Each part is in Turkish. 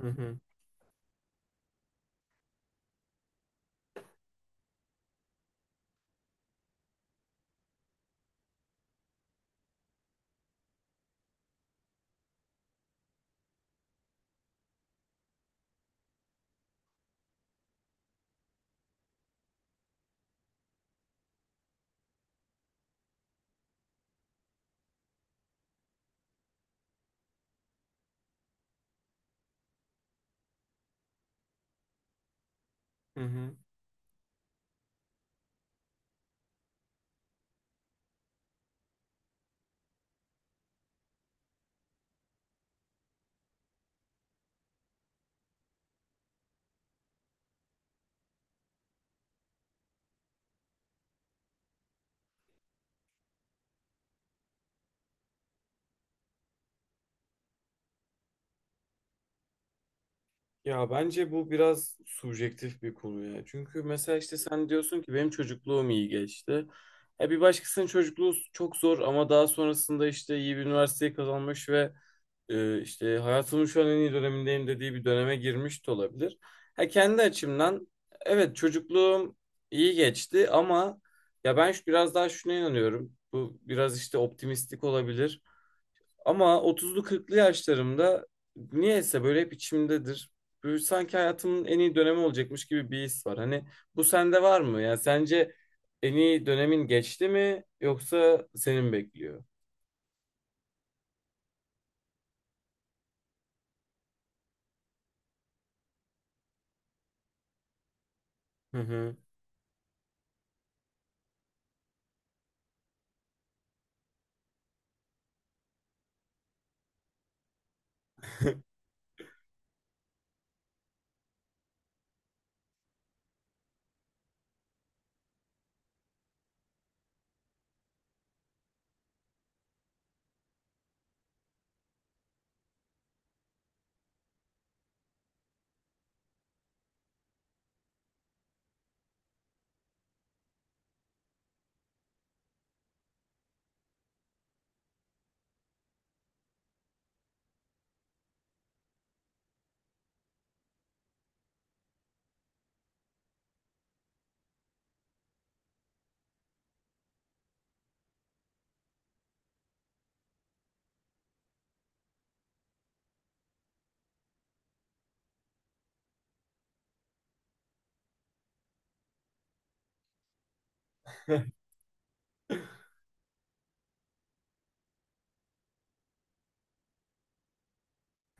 Hı hı, hı hı. Ya bence bu biraz subjektif bir konu ya. Çünkü mesela işte sen diyorsun ki benim çocukluğum iyi geçti. E bir başkasının çocukluğu çok zor ama daha sonrasında işte iyi bir üniversiteyi kazanmış ve işte hayatımın şu an en iyi dönemindeyim dediği bir döneme girmiş de olabilir. Ha kendi açımdan evet çocukluğum iyi geçti ama ya ben biraz daha şuna inanıyorum. Bu biraz işte optimistik olabilir. Ama 30'lu 40'lı yaşlarımda niyeyse böyle hep içimdedir. Böyle sanki hayatımın en iyi dönemi olacakmış gibi bir his var. Hani bu sende var mı? Yani sence en iyi dönemin geçti mi yoksa senin bekliyor? Hı hı.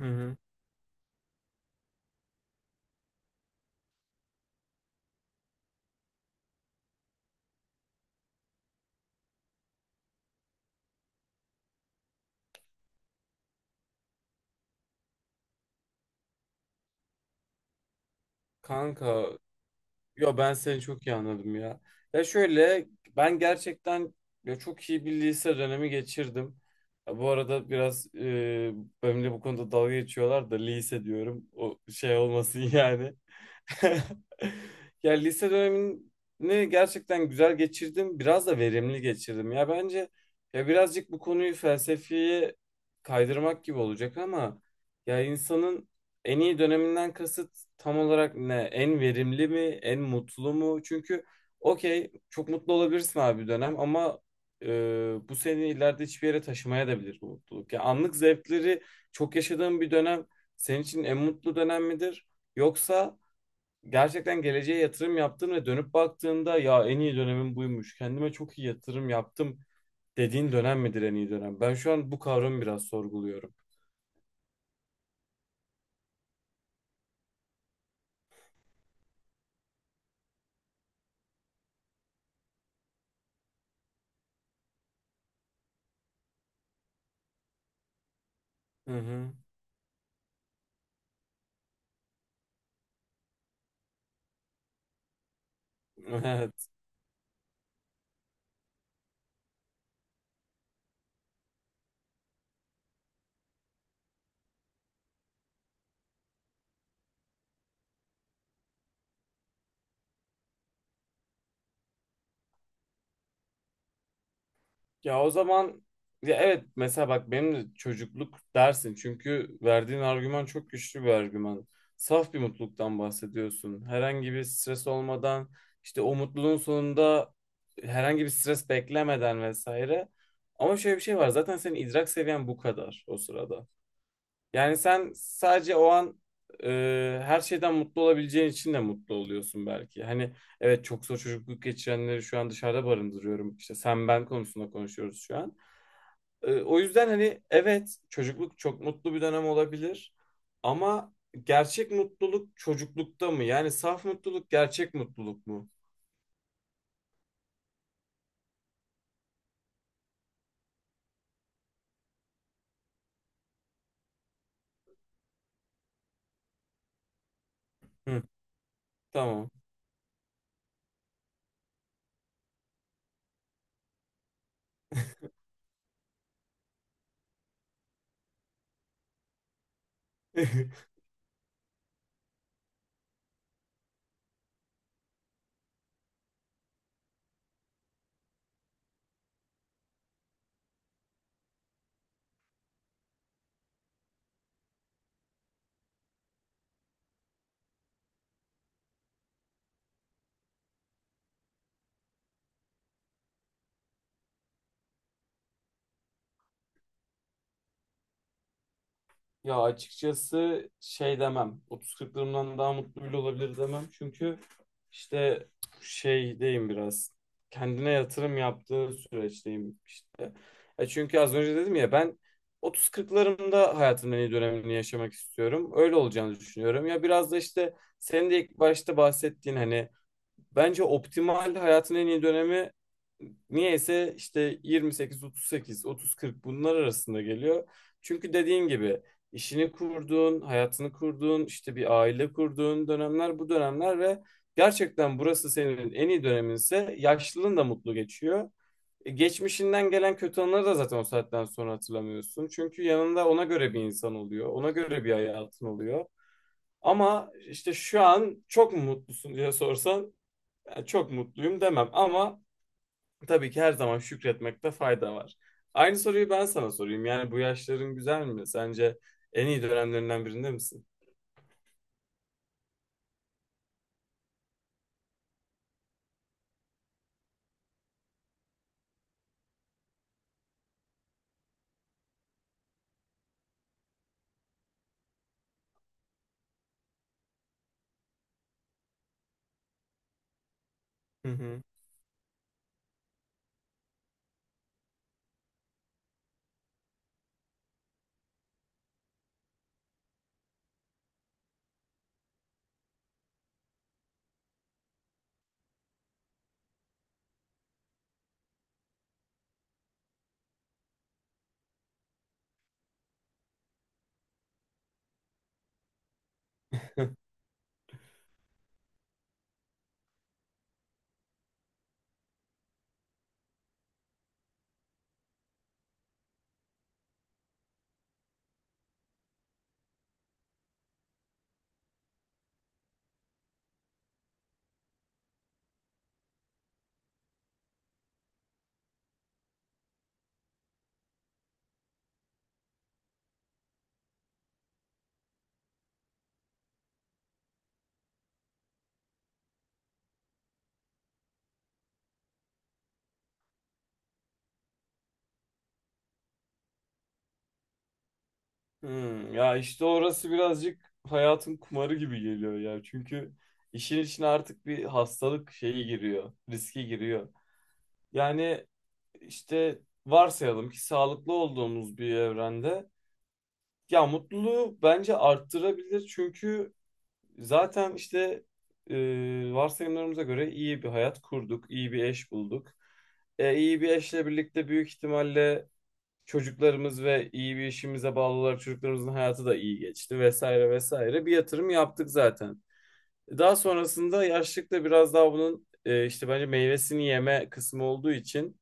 Hı hı. Kanka, yo ben seni çok iyi anladım ya. Ya şöyle, ben gerçekten ya çok iyi bir lise dönemi geçirdim. Ya bu arada biraz benimle bu konuda dalga geçiyorlar da lise diyorum. O şey olmasın yani. Ya lise dönemini gerçekten güzel geçirdim. Biraz da verimli geçirdim. Ya bence ya birazcık bu konuyu felsefeye kaydırmak gibi olacak ama ya insanın en iyi döneminden kasıt tam olarak ne? En verimli mi? En mutlu mu? Çünkü okey çok mutlu olabilirsin abi bir dönem ama e, bu seni ileride hiçbir yere taşımaya da bilir bu mutluluk. Ya anlık zevkleri çok yaşadığın bir dönem senin için en mutlu dönem midir? Yoksa gerçekten geleceğe yatırım yaptın ve dönüp baktığında ya en iyi dönemim buymuş. Kendime çok iyi yatırım yaptım dediğin dönem midir en iyi dönem? Ben şu an bu kavramı biraz sorguluyorum. Hı hı. Ya o zaman ya evet mesela bak benim de çocukluk dersin çünkü verdiğin argüman çok güçlü bir argüman. Saf bir mutluluktan bahsediyorsun. Herhangi bir stres olmadan işte o mutluluğun sonunda herhangi bir stres beklemeden vesaire. Ama şöyle bir şey var zaten senin idrak seviyen bu kadar o sırada. Yani sen sadece o an her şeyden mutlu olabileceğin için de mutlu oluyorsun belki. Hani evet çok zor çocukluk geçirenleri şu an dışarıda barındırıyorum. İşte sen ben konusunda konuşuyoruz şu an. E, o yüzden hani evet çocukluk çok mutlu bir dönem olabilir. Ama gerçek mutluluk çocuklukta mı? Yani saf mutluluk gerçek mutluluk mu? Hı, tamam. Ya açıkçası şey demem. 30-40'larımdan daha mutlu bile olabilir demem. Çünkü işte şeydeyim biraz. Kendine yatırım yaptığı süreçteyim işte. E çünkü az önce dedim ya ben 30-40'larımda hayatımın en iyi dönemini yaşamak istiyorum. Öyle olacağını düşünüyorum. Ya biraz da işte senin de ilk başta bahsettiğin hani bence optimal hayatın en iyi dönemi niyeyse işte 28, 38, 30, 40 bunlar arasında geliyor. Çünkü dediğin gibi işini kurduğun, hayatını kurduğun, işte bir aile kurduğun dönemler bu dönemler ve gerçekten burası senin en iyi döneminse yaşlılığın da mutlu geçiyor. E, geçmişinden gelen kötü anıları da zaten o saatten sonra hatırlamıyorsun. Çünkü yanında ona göre bir insan oluyor. Ona göre bir hayatın oluyor. Ama işte şu an çok mu mutlusun diye sorsan yani çok mutluyum demem ama tabii ki her zaman şükretmekte fayda var. Aynı soruyu ben sana sorayım. Yani bu yaşların güzel mi? Sence en iyi dönemlerinden birinde misin? Hı hı. Hmm, ya işte orası birazcık hayatın kumarı gibi geliyor ya. Çünkü işin içine artık bir hastalık şeyi giriyor, riski giriyor. Yani işte varsayalım ki sağlıklı olduğumuz bir evrende ya mutluluğu bence arttırabilir çünkü zaten işte e, varsayımlarımıza göre iyi bir hayat kurduk, iyi bir eş bulduk. E, iyi bir eşle birlikte büyük ihtimalle çocuklarımız ve iyi bir işimize bağlılar çocuklarımızın hayatı da iyi geçti vesaire vesaire. Bir yatırım yaptık zaten. Daha sonrasında yaşlılıkta biraz daha bunun işte bence meyvesini yeme kısmı olduğu için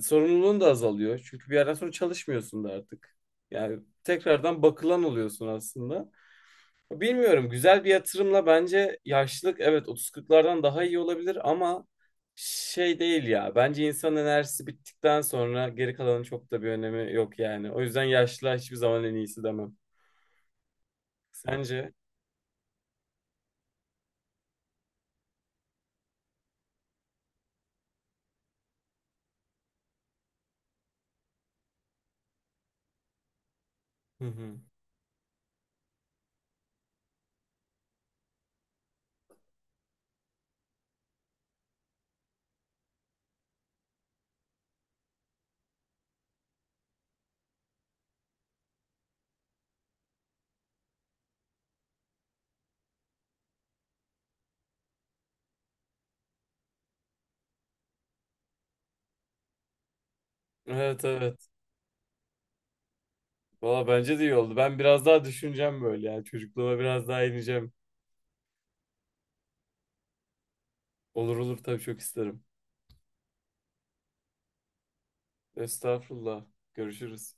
sorumluluğun da azalıyor. Çünkü bir yerden sonra çalışmıyorsun da artık. Yani tekrardan bakılan oluyorsun aslında. Bilmiyorum güzel bir yatırımla bence yaşlılık evet 30-40'lardan daha iyi olabilir ama şey değil ya. Bence insan enerjisi bittikten sonra geri kalanın çok da bir önemi yok yani. O yüzden yaşlılığa hiçbir zaman en iyisi demem. Sence? Hı hı. Evet evet. Valla bence de iyi oldu. Ben biraz daha düşüneceğim böyle yani. Çocukluğuma biraz daha ineceğim. Olur olur tabii çok isterim. Estağfurullah. Görüşürüz.